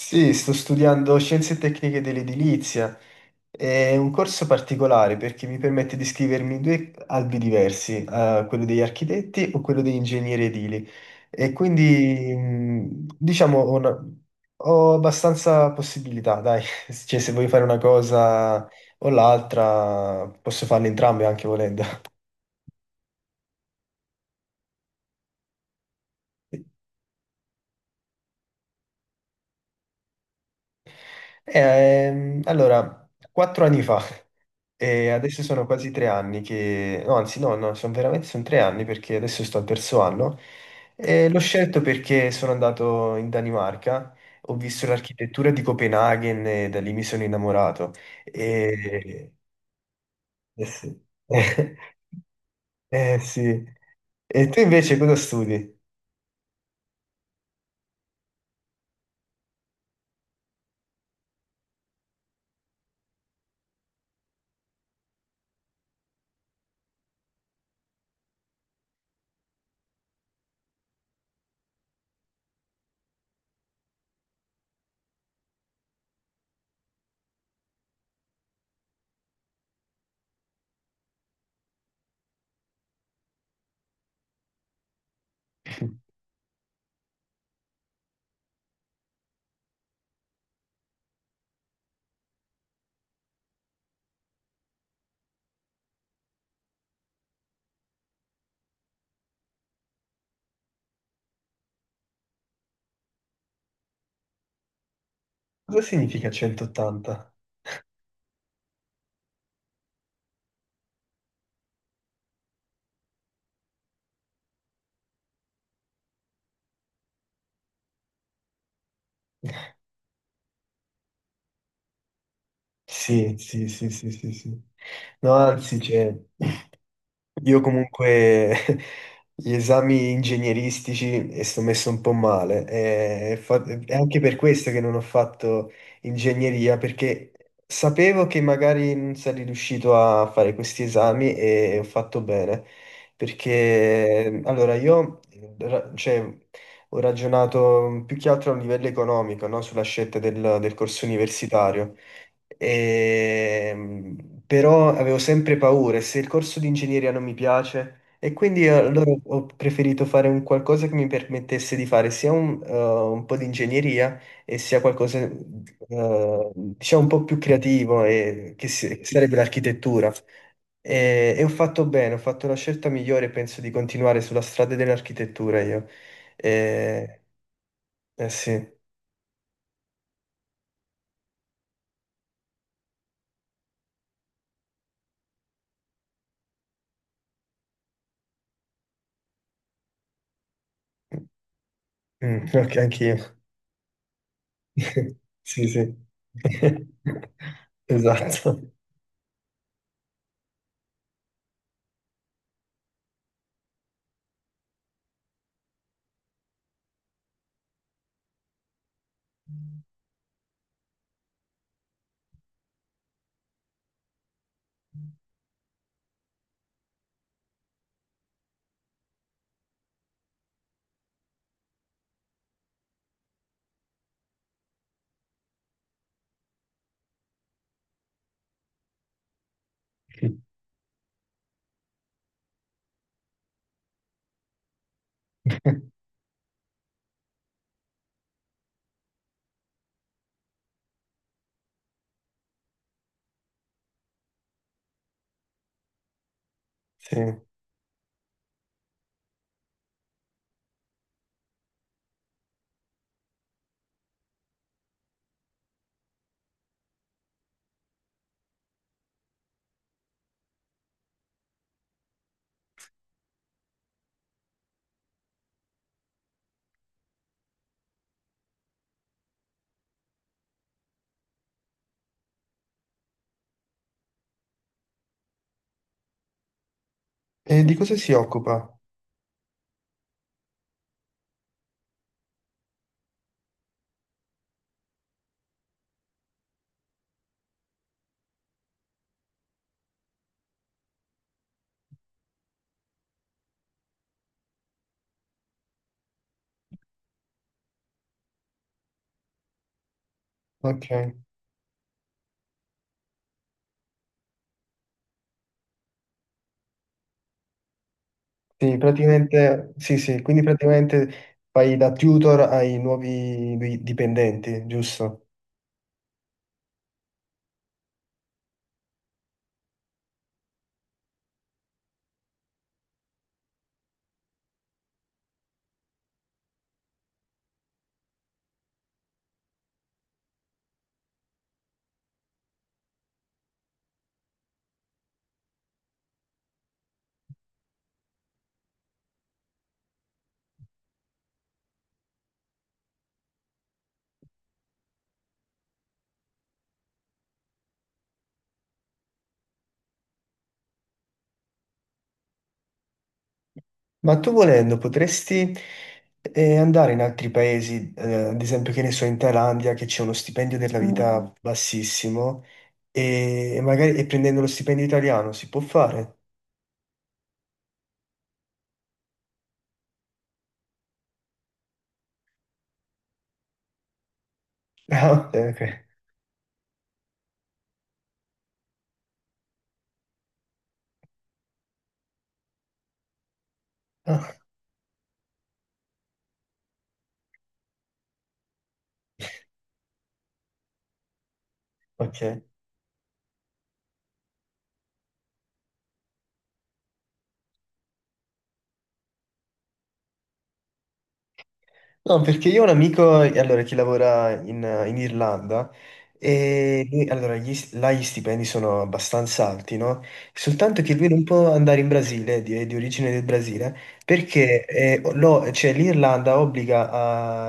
Sì, sto studiando Scienze Tecniche dell'Edilizia. È un corso particolare perché mi permette di iscrivermi in due albi diversi, quello degli architetti o quello degli ingegneri edili. E quindi, diciamo, ho, ho abbastanza possibilità, dai. Cioè, se vuoi fare una cosa o l'altra, posso farle entrambe anche volendo. Allora, quattro anni fa, e adesso sono quasi tre anni che, no, anzi no, no, sono veramente sono tre anni perché adesso sto al terzo anno. E l'ho scelto perché sono andato in Danimarca, ho visto l'architettura di Copenaghen e da lì mi sono innamorato. E... Eh sì. Eh sì. E tu invece cosa studi? Cosa significa 180? Sì, sì, sì, sì, sì, sì. No, anzi, c'è. Io comunque gli esami ingegneristici e sto messo un po' male. È anche per questo che non ho fatto ingegneria, perché sapevo che magari non sarei riuscito a fare questi esami e ho fatto bene. Perché allora io cioè, ho ragionato più che altro a un livello economico, no? Sulla scelta del corso universitario. Però avevo sempre paura se il corso di ingegneria non mi piace e quindi allora ho preferito fare un qualcosa che mi permettesse di fare sia un po' di ingegneria e sia qualcosa diciamo un po' più creativo che sarebbe l'architettura. E ho fatto bene, ho fatto la scelta migliore e penso di continuare sulla strada dell'architettura io. Eh, eh sì. Mm, ok, anch'io. Sì, sì. Esatto. Sì. E di cosa si occupa? Ok. Sì, praticamente, sì, sì, quindi praticamente fai da tutor ai nuovi dipendenti, giusto? Ma tu volendo potresti andare in altri paesi, ad esempio, che ne so, in Thailandia, che c'è uno stipendio della Mm. vita bassissimo, e magari e prendendo lo stipendio italiano si può fare? Ah, ok. Ok. Ah, ok. No, perché io ho un amico, allora, che lavora in Irlanda allora, gli, là gli stipendi sono abbastanza alti, no? Soltanto che lui non può andare in Brasile, di origine del Brasile, perché cioè, l'Irlanda obbliga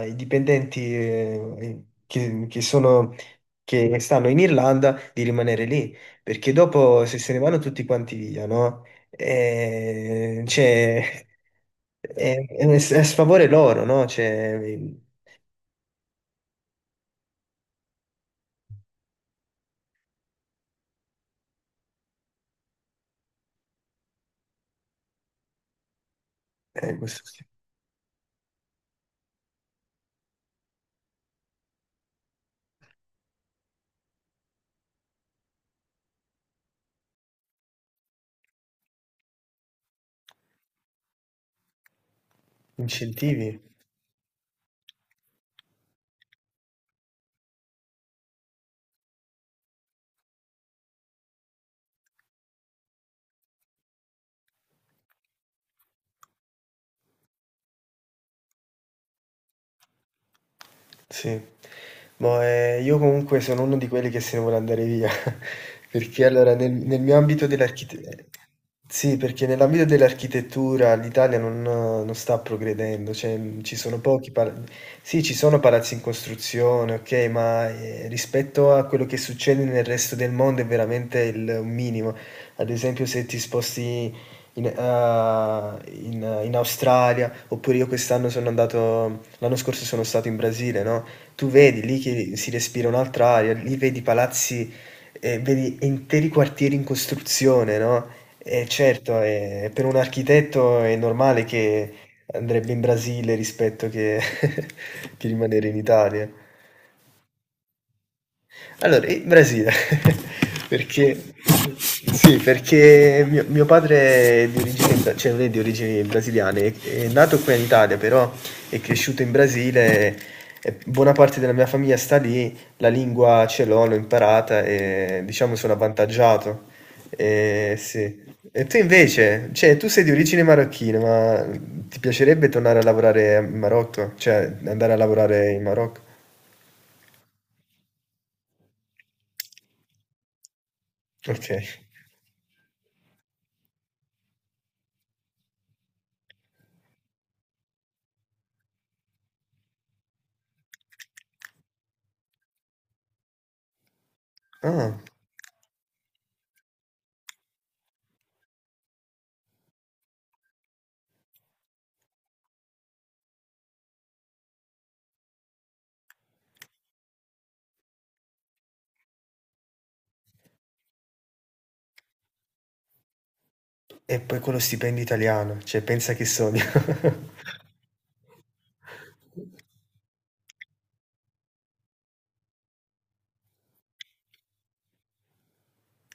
ai dipendenti che sono, che stanno in Irlanda di rimanere lì, perché dopo se se ne vanno tutti quanti via, no? Cioè, è è a sfavore loro, no? Cioè, questi incentivi. Sì. Boh, io comunque sono uno di quelli che se ne vuole andare via, perché allora nel mio ambito dell'archite sì, perché nell'ambito dell'architettura l'Italia non sta progredendo, cioè, ci sono pochi pala sì, ci sono palazzi in costruzione, okay, ma, rispetto a quello che succede nel resto del mondo è veramente il un minimo. Ad esempio se ti sposti in Australia, oppure io quest'anno sono andato, l'anno scorso sono stato in Brasile, no? Tu vedi lì che si respira un'altra aria, lì vedi palazzi, vedi interi quartieri in costruzione, no? E certo, per un architetto è normale che andrebbe in Brasile rispetto che, che rimanere in Italia. Allora, il Brasile, perché, sì, perché mio padre è di origini, cioè non è di origini brasiliane, è nato qui in Italia, però è cresciuto in Brasile, e buona parte della mia famiglia sta lì, la lingua ce l'ho, l'ho imparata e diciamo sono avvantaggiato. E, sì. E tu invece, cioè tu sei di origine marocchina, ma ti piacerebbe tornare a lavorare in Marocco? Cioè andare a lavorare in Marocco? Ok. Ah. E poi quello stipendio italiano, cioè pensa che sogno.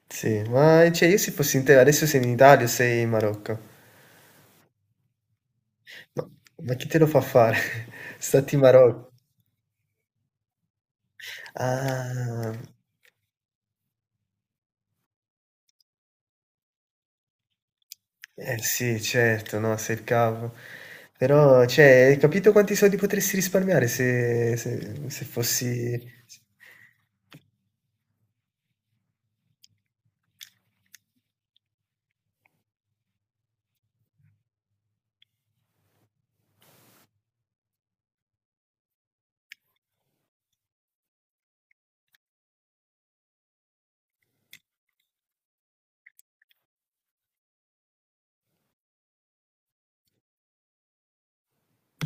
Sì, ma cioè io se fossi in te, adesso sei in Italia o sei in Marocco? Ma, ma chi te lo fa fare? Stati in Marocco. Ah, eh sì, certo, no, sei il capo. Però, cioè, hai capito quanti soldi potresti risparmiare se fossi...